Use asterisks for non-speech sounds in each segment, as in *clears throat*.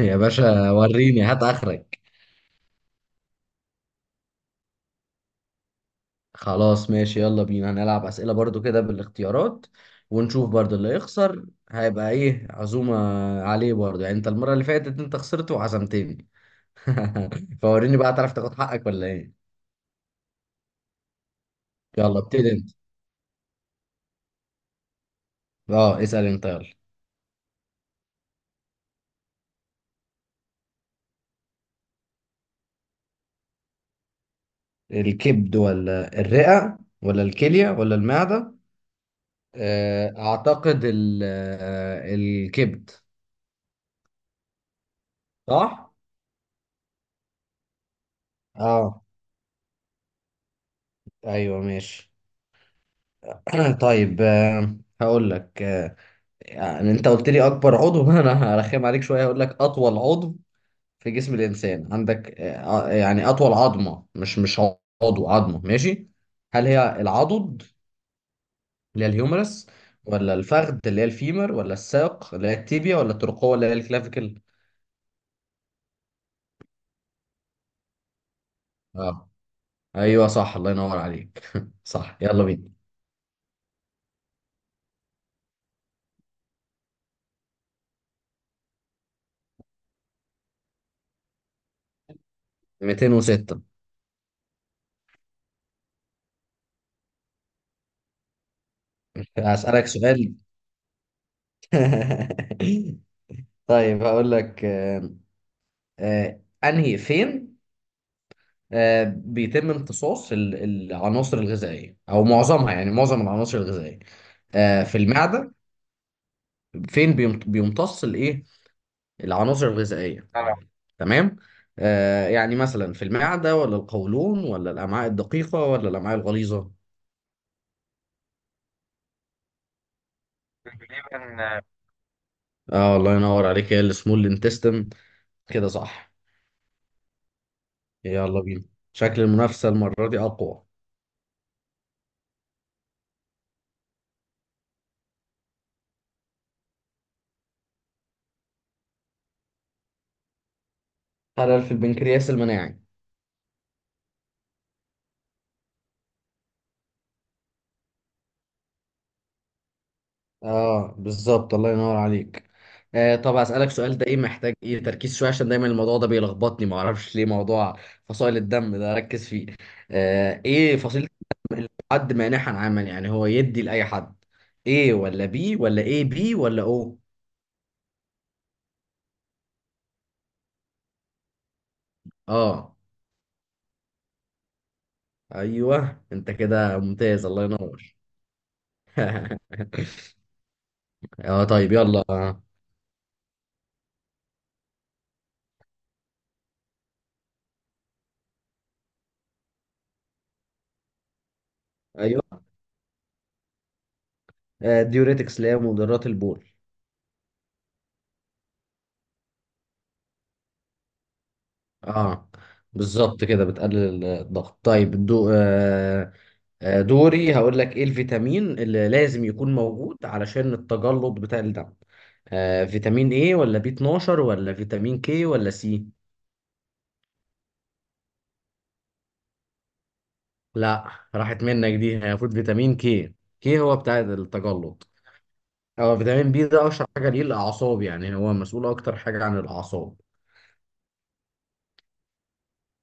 يا باشا وريني هات اخرك. خلاص ماشي، يلا بينا هنلعب اسئله برضو كده بالاختيارات، ونشوف برضو اللي يخسر هيبقى ايه عزومه عليه. برضو يعني انت المره اللي فاتت انت خسرت وعزمتني. *laughs* فوريني بقى تعرف تاخد حقك ولا ايه. يلا ابتدي انت. اه اسال انت يلا. الكبد ولا الرئه ولا الكليه ولا المعده. اعتقد الكبد. صح. اه. ايوه ماشي. *clears throat* طيب، هقول لك يعني انت قلت لي اكبر عضو. *laughs* انا هرخم عليك شويه، هقول لك اطول عضو في جسم الانسان. عندك يعني اطول عظمه، مش عضو، عظمه، ماشي. هل هي العضد اللي هي الهيومرس، ولا الفخذ اللي هي الفيمر، ولا الساق اللي هي التيبيا، ولا الترقوه اللي هي الكلافيكل؟ اه ايوه صح، الله ينور عليك. *laughs* صح يلا بينا. 206. هسألك سؤال. *laughs* طيب هقول لك انهي فين بيتم امتصاص العناصر الغذائيه او معظمها، يعني معظم العناصر الغذائيه في المعده. فين بيمتص الايه، العناصر الغذائيه؟ اه تمام. يعني مثلا في المعده ولا القولون ولا الامعاء الدقيقه ولا الامعاء الغليظه؟ تقريبا. اه الله ينور عليك، هي السمول انتستم كده صح. يلا بينا، شكل المنافسه المره دي اقوى. خلل في البنكرياس المناعي. اه بالظبط الله ينور عليك. آه طب اسالك سؤال ده، ايه محتاج ايه تركيز شويه، عشان دايما الموضوع ده بيلخبطني ما اعرفش ليه، موضوع فصائل الدم ده ركز فيه. آه ايه فصيله حد مانحا عاما، يعني هو يدي لاي حد؟ ايه ولا بي ولا ايه بي ولا او؟ اه ايوه انت كده ممتاز، الله ينور. *laughs* اه طيب يلا آه. ايوه. آه ديوريتكس اللي هي مضرات البول. اه بالظبط كده بتقلل الضغط. طيب الدو... دوري هقول لك ايه الفيتامين اللي لازم يكون موجود علشان التجلط بتاع الدم؟ فيتامين ايه، ولا بي 12، ولا فيتامين كي، ولا سي؟ لا، راحت منك دي، هي المفروض فيتامين كي. كي هو بتاع التجلط. هو فيتامين بي ده اشهر حاجه ليه الاعصاب، يعني هو مسؤول اكتر حاجه عن الاعصاب.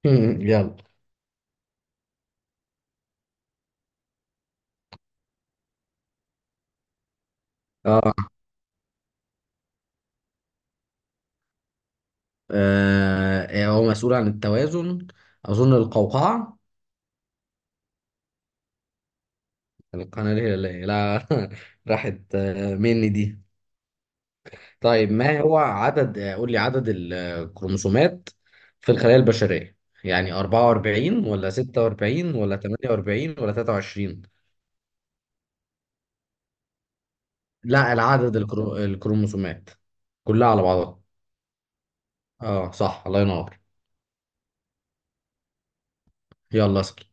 *laughs* يلا. اه هو مسؤول عن التوازن، اظن القوقعه. القناه الهلاليه لا. *laughs* راحت مني دي. طيب ما هو عدد، قول لي عدد الكروموسومات في الخلايا البشرية، يعني 44 ولا 46 ولا 48 ولا 23؟ لا، العدد الكرو... الكروموسومات كلها على بعضها. اه صح الله ينور. يلا اسكي.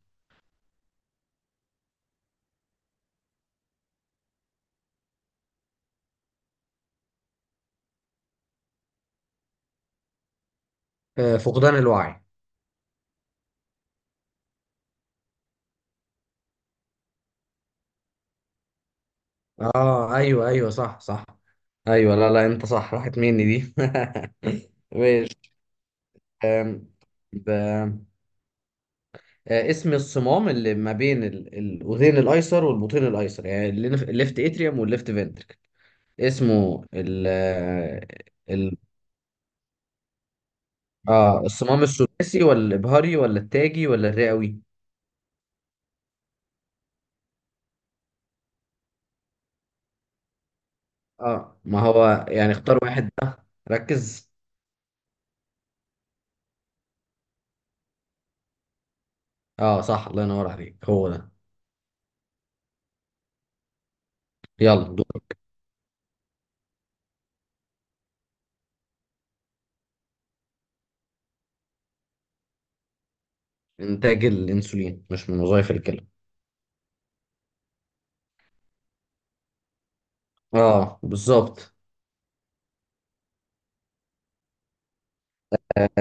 آه فقدان الوعي. اه ايوه ايوه صح صح، ايوه لا لا انت صح، راحت مني دي. *laughs* ماشي. آم، ب... اسم الصمام اللي ما بين الأذين الأيسر والبطين الأيسر، يعني الليفت اتريوم والليفت فنتركل، اسمه ال ال اه الصمام الثلاثي، ولا الإبهاري، ولا التاجي، ولا الرئوي؟ اه ما هو يعني اختار واحد بقى، ركز. اه صح الله ينور عليك، هو ده. يلا دور. إنتاج الأنسولين مش من وظائف الكلى. اه بالظبط.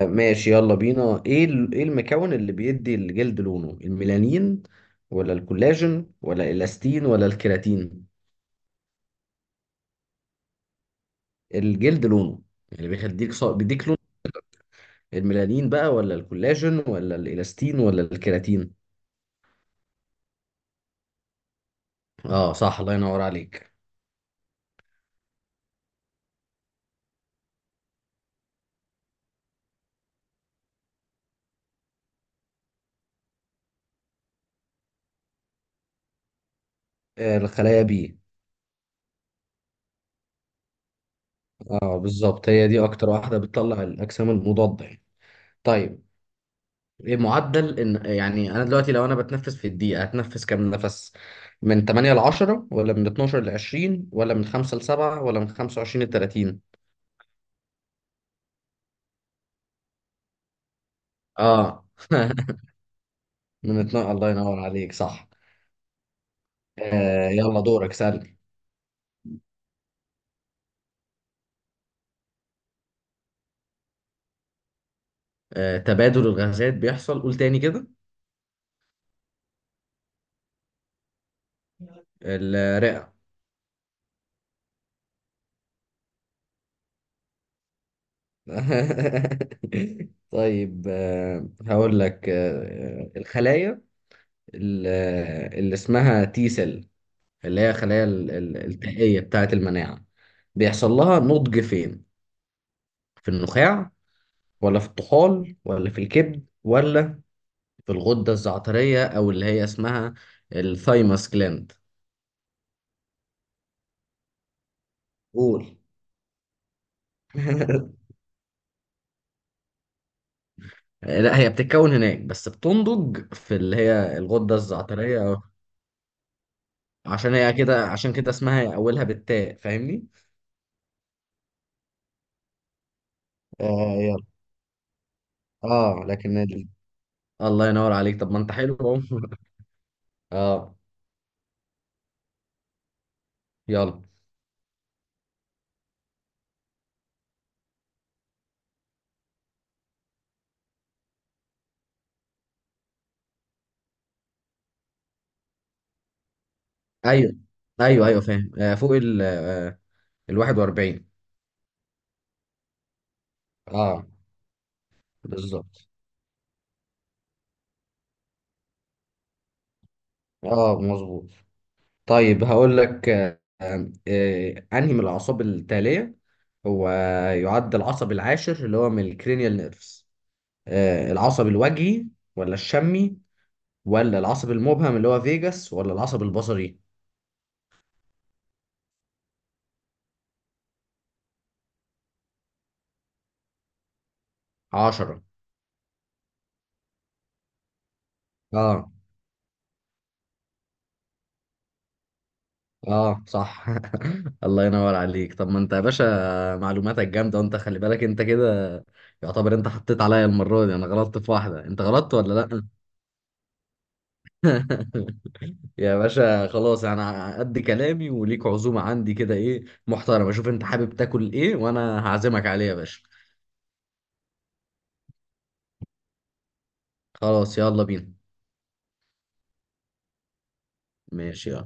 ماشي يلا بينا، ايه ايه المكون اللي بيدي الجلد لونه؟ الميلانين ولا الكولاجين ولا الاستين ولا الكيراتين؟ الجلد لونه، يعني بيخليك ص... بيديك لون. الميلانين بقى، ولا الكولاجين، ولا الالاستين، ولا الكيراتين؟ اه صح الله ينور عليك. آه الخلايا بي. اه بالظبط، هي دي اكتر واحدة بتطلع الاجسام المضادة يعني. طيب إيه، معدل ان، يعني انا دلوقتي لو انا بتنفس في الدقيقه هتنفس كام نفس؟ من 8 ل 10، ولا من 12 ل 20، ولا من 5 ل 7، ولا من 25 ل 30؟ اه. *laughs* من 12 الله ينور عليك صح. آه يلا دورك سألني. آه تبادل الغازات بيحصل، قول تاني كده. الرئه. *laughs* طيب آه هقول لك آه، الخلايا اللي اللي اسمها تي سيل، اللي هي الخلايا التائية بتاعة المناعة، بيحصل لها نضج فين؟ في النخاع، ولا في الطحال، ولا في الكبد، ولا في الغدة الزعترية أو اللي هي اسمها الثايموس جلاند؟ قول. *laughs* لا، هي بتتكون هناك بس بتنضج في اللي هي الغدة الزعترية أو، عشان هي كده، عشان كده اسمها أولها بالتاء، فاهمني؟ آه يلا. اه لكن ال... الله ينور عليك، طب ما انت حلو اهو. *laughs* اه يلا. ايوه ايوه ايوه فاهم، فوق ال ال 41. اه بالظبط. اه مظبوط. طيب هقول لك انهي من الاعصاب التاليه هو يعد العصب العاشر اللي هو من الكرينيال نيرفز؟ العصب الوجهي، ولا الشمي، ولا العصب المبهم اللي هو فيجاس، ولا العصب البصري؟ 10. اه اه صح. *laughs* الله ينور عليك. طب ما انت يا باشا معلوماتك جامده، وانت خلي بالك انت كده يعتبر انت حطيت عليا المره دي، انا غلطت في واحده انت غلطت ولا لا؟ *laughs* يا باشا خلاص انا قد كلامي، وليك عزومه عندي كده ايه محترمه. شوف انت حابب تاكل ايه وانا هعزمك عليه يا باشا. خلاص يلا بينا. ماشي.